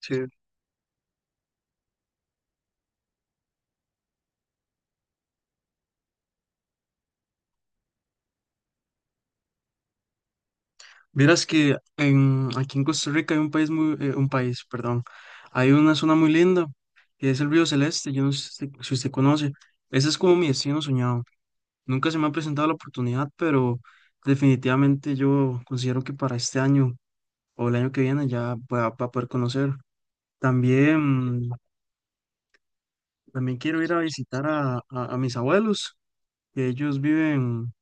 Sí. Vieras que aquí en Costa Rica hay un país muy, un país, perdón, hay una zona muy linda que es el Río Celeste. Yo no sé si usted conoce, ese es como mi destino soñado. Nunca se me ha presentado la oportunidad, pero definitivamente yo considero que para este año o el año que viene ya va a poder conocer. También, también quiero ir a visitar a mis abuelos, que ellos viven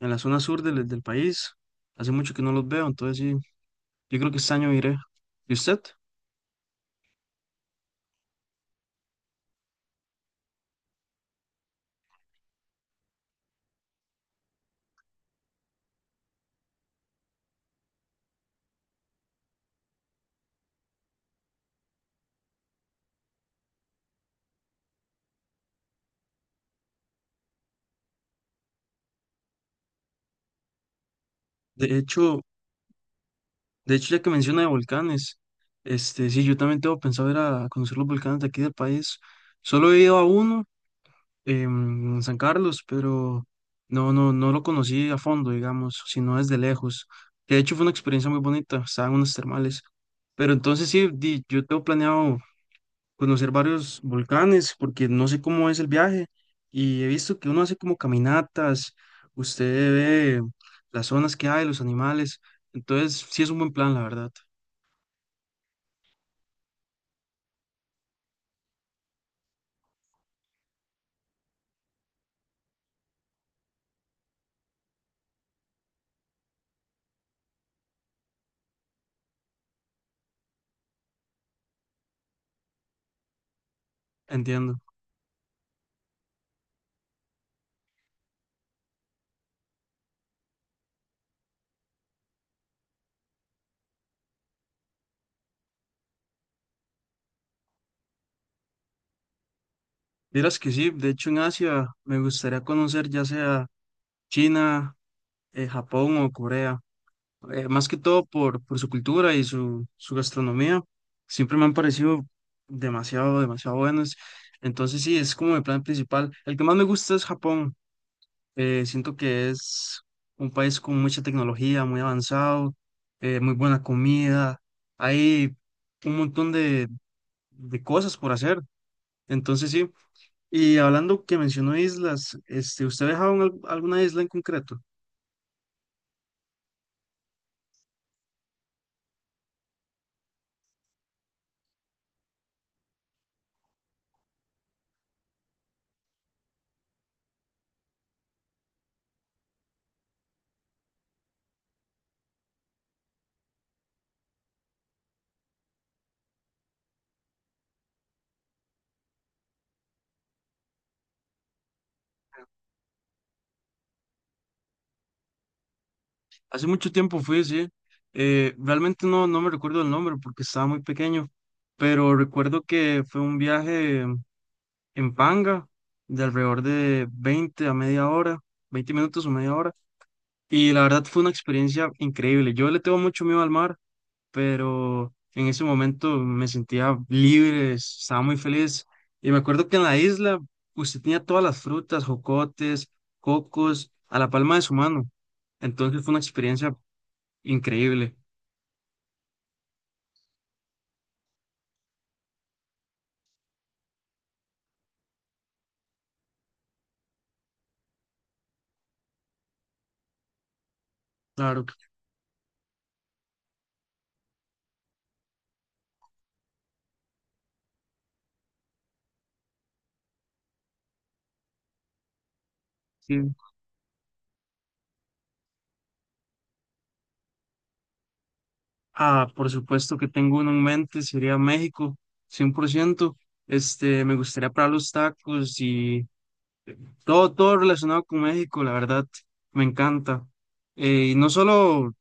en la zona sur del país. Hace mucho que no los veo, entonces sí. Yo creo que este año iré. ¿Y usted? De hecho, de hecho, ya que menciona de volcanes, sí, yo también tengo pensado ir a conocer los volcanes de aquí del país. Solo he ido a uno, en San Carlos, pero no, no, no lo conocí a fondo, digamos, sino desde lejos. Que de hecho fue una experiencia muy bonita, estaban unas termales. Pero entonces sí, yo tengo planeado conocer varios volcanes, porque no sé cómo es el viaje y he visto que uno hace como caminatas, usted ve las zonas que hay, los animales, entonces sí es un buen plan, la verdad, entiendo. Dirás que sí, de hecho en Asia me gustaría conocer ya sea China, Japón o Corea, más que todo por su cultura y su gastronomía, siempre me han parecido demasiado, demasiado buenos. Entonces sí, es como el plan principal. El que más me gusta es Japón. Siento que es un país con mucha tecnología, muy avanzado, muy buena comida. Hay un montón de cosas por hacer. Entonces sí. Y hablando que mencionó islas, ¿usted ha viajado en alguna isla en concreto? Hace mucho tiempo fui, sí. Realmente no, no me recuerdo el nombre porque estaba muy pequeño, pero recuerdo que fue un viaje en Panga de alrededor de 20 a media hora, 20 minutos o media hora. Y la verdad fue una experiencia increíble. Yo le tengo mucho miedo al mar, pero en ese momento me sentía libre, estaba muy feliz. Y me acuerdo que en la isla usted tenía todas las frutas, jocotes, cocos, a la palma de su mano. Entonces fue una experiencia increíble. Claro que sí. Ah, por supuesto que tengo uno en mente, sería México, 100%. Me gustaría probar los tacos y todo, todo relacionado con México, la verdad, me encanta. Y no solo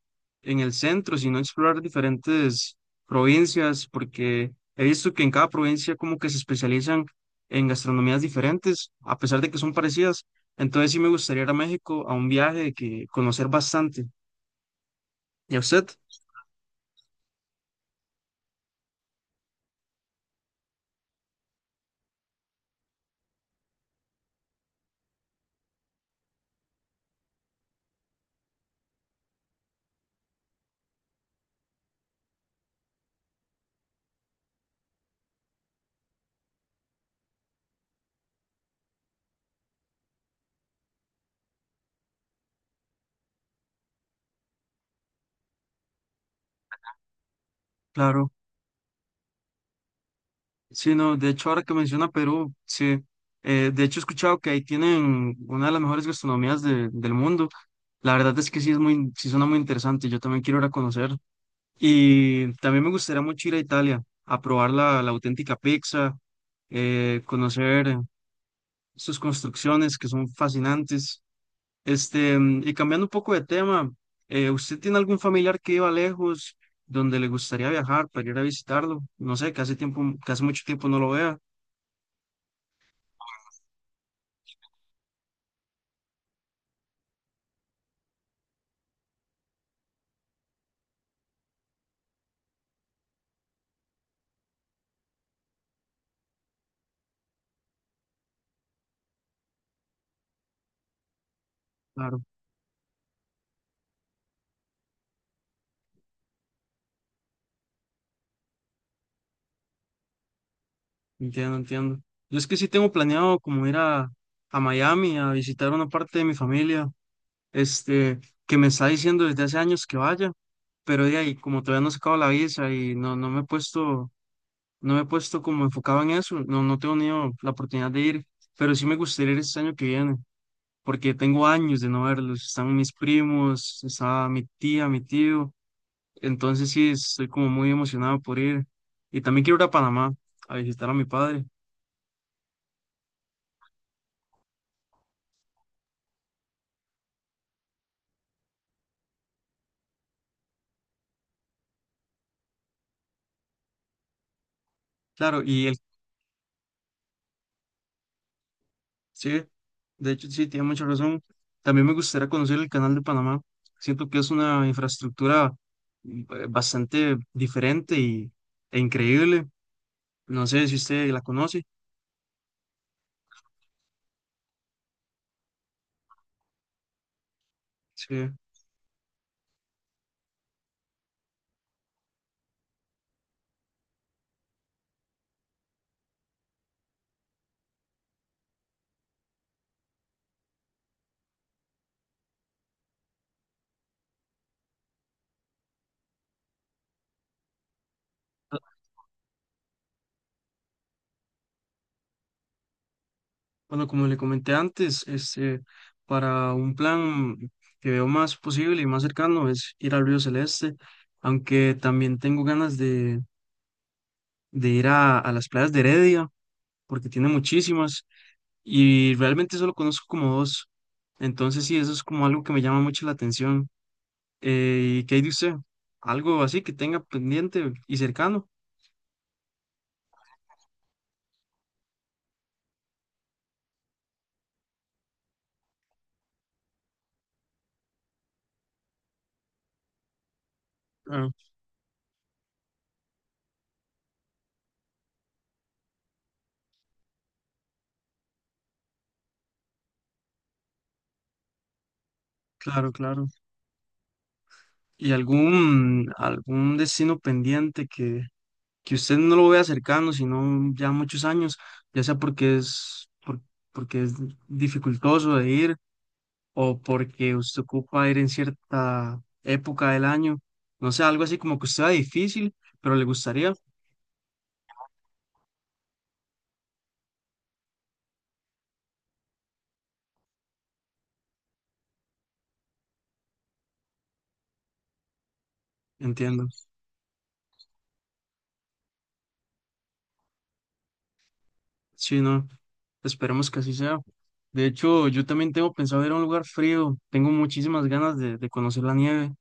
en el centro, sino explorar diferentes provincias, porque he visto que en cada provincia como que se especializan en gastronomías diferentes, a pesar de que son parecidas. Entonces sí me gustaría ir a México a un viaje que conocer bastante. ¿Y a usted? Claro. Sí, no, de hecho, ahora que menciona Perú, sí, de hecho he escuchado que ahí tienen una de las mejores gastronomías del mundo. La verdad es que sí es muy, sí suena muy interesante, yo también quiero ir a conocer. Y también me gustaría mucho ir a Italia, a probar la auténtica pizza, conocer sus construcciones que son fascinantes. Y cambiando un poco de tema, ¿usted tiene algún familiar que iba lejos, donde le gustaría viajar para ir a visitarlo? No sé, que hace mucho tiempo no lo vea. Entiendo, entiendo. Yo es que sí tengo planeado como ir a Miami a visitar una parte de mi familia, este, que me está diciendo desde hace años que vaya, pero de ahí, como todavía no he sacado la visa y no, no me he puesto, no me he puesto como enfocado en eso, no, no tengo ni la oportunidad de ir, pero sí me gustaría ir este año que viene, porque tengo años de no verlos, están mis primos, está mi tía, mi tío, entonces sí estoy como muy emocionado por ir, y también quiero ir a Panamá a visitar a mi padre. Claro, sí, de hecho, sí, tiene mucha razón. También me gustaría conocer el Canal de Panamá. Siento que es una infraestructura bastante diferente e increíble. No sé si usted la conoce. Sí. Ah, bueno, como le comenté antes, para un plan que veo más posible y más cercano es ir al Río Celeste, aunque también tengo ganas de ir a las playas de Heredia, porque tiene muchísimas, y realmente solo conozco como dos. Entonces sí, eso es como algo que me llama mucho la atención. ¿Y qué hay de usted? Algo así que tenga pendiente y cercano. Claro, claro, claro. ¿Y algún destino pendiente que usted no lo vea cercano, sino ya muchos años, ya sea porque es dificultoso de ir o porque usted ocupa ir en cierta época del año? No sé, algo así como que usted sea difícil, pero le gustaría. Entiendo. Sí, no, esperemos que así sea. De hecho, yo también tengo pensado ir a un lugar frío. Tengo muchísimas ganas de conocer la nieve.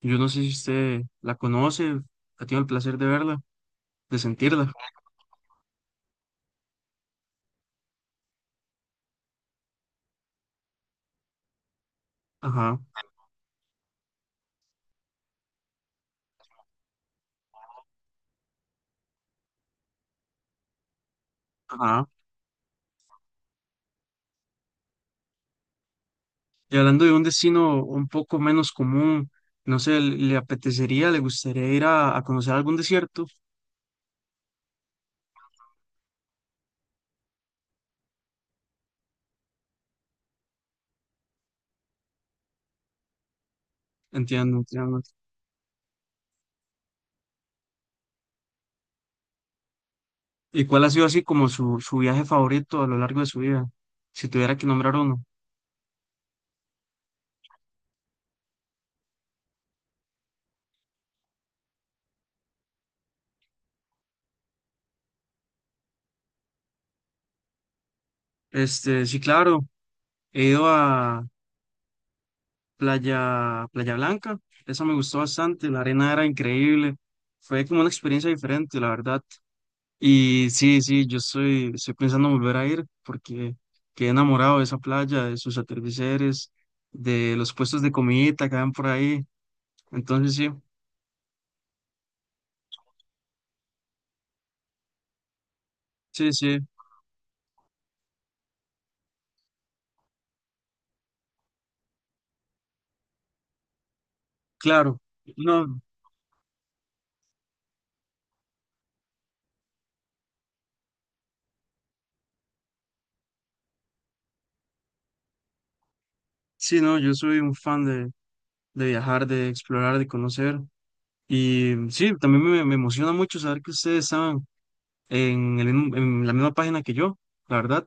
Yo no sé si usted la conoce, ha tenido el placer de verla, de sentirla. Ajá, ajá. Y hablando de un destino un poco menos común, no sé, ¿le apetecería, le gustaría ir a conocer algún desierto? Entiendo, entiendo. ¿Y cuál ha sido así como su viaje favorito a lo largo de su vida? Si tuviera que nombrar uno. Sí, claro, he ido a Playa Blanca, esa me gustó bastante, la arena era increíble, fue como una experiencia diferente, la verdad. Y sí, sí, yo estoy pensando en volver a ir porque quedé enamorado de esa playa, de sus atardeceres, de los puestos de comidita que van por ahí. Entonces sí, sí, sí, claro. No, sí, no, yo soy un fan de viajar, de explorar, de conocer. Y sí, también me emociona mucho saber que ustedes estaban en la misma página que yo, la verdad.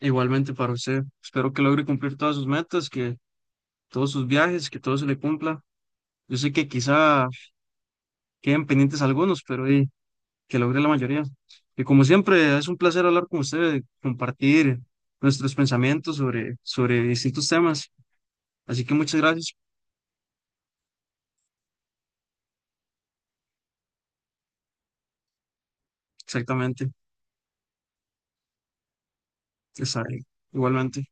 Igualmente para usted. Espero que logre cumplir todas sus metas, que todos sus viajes, que todo se le cumpla. Yo sé que quizá queden pendientes algunos, pero que logre la mayoría. Y como siempre, es un placer hablar con usted, compartir nuestros pensamientos sobre distintos temas. Así que muchas gracias. Exactamente. Está bien. Igualmente.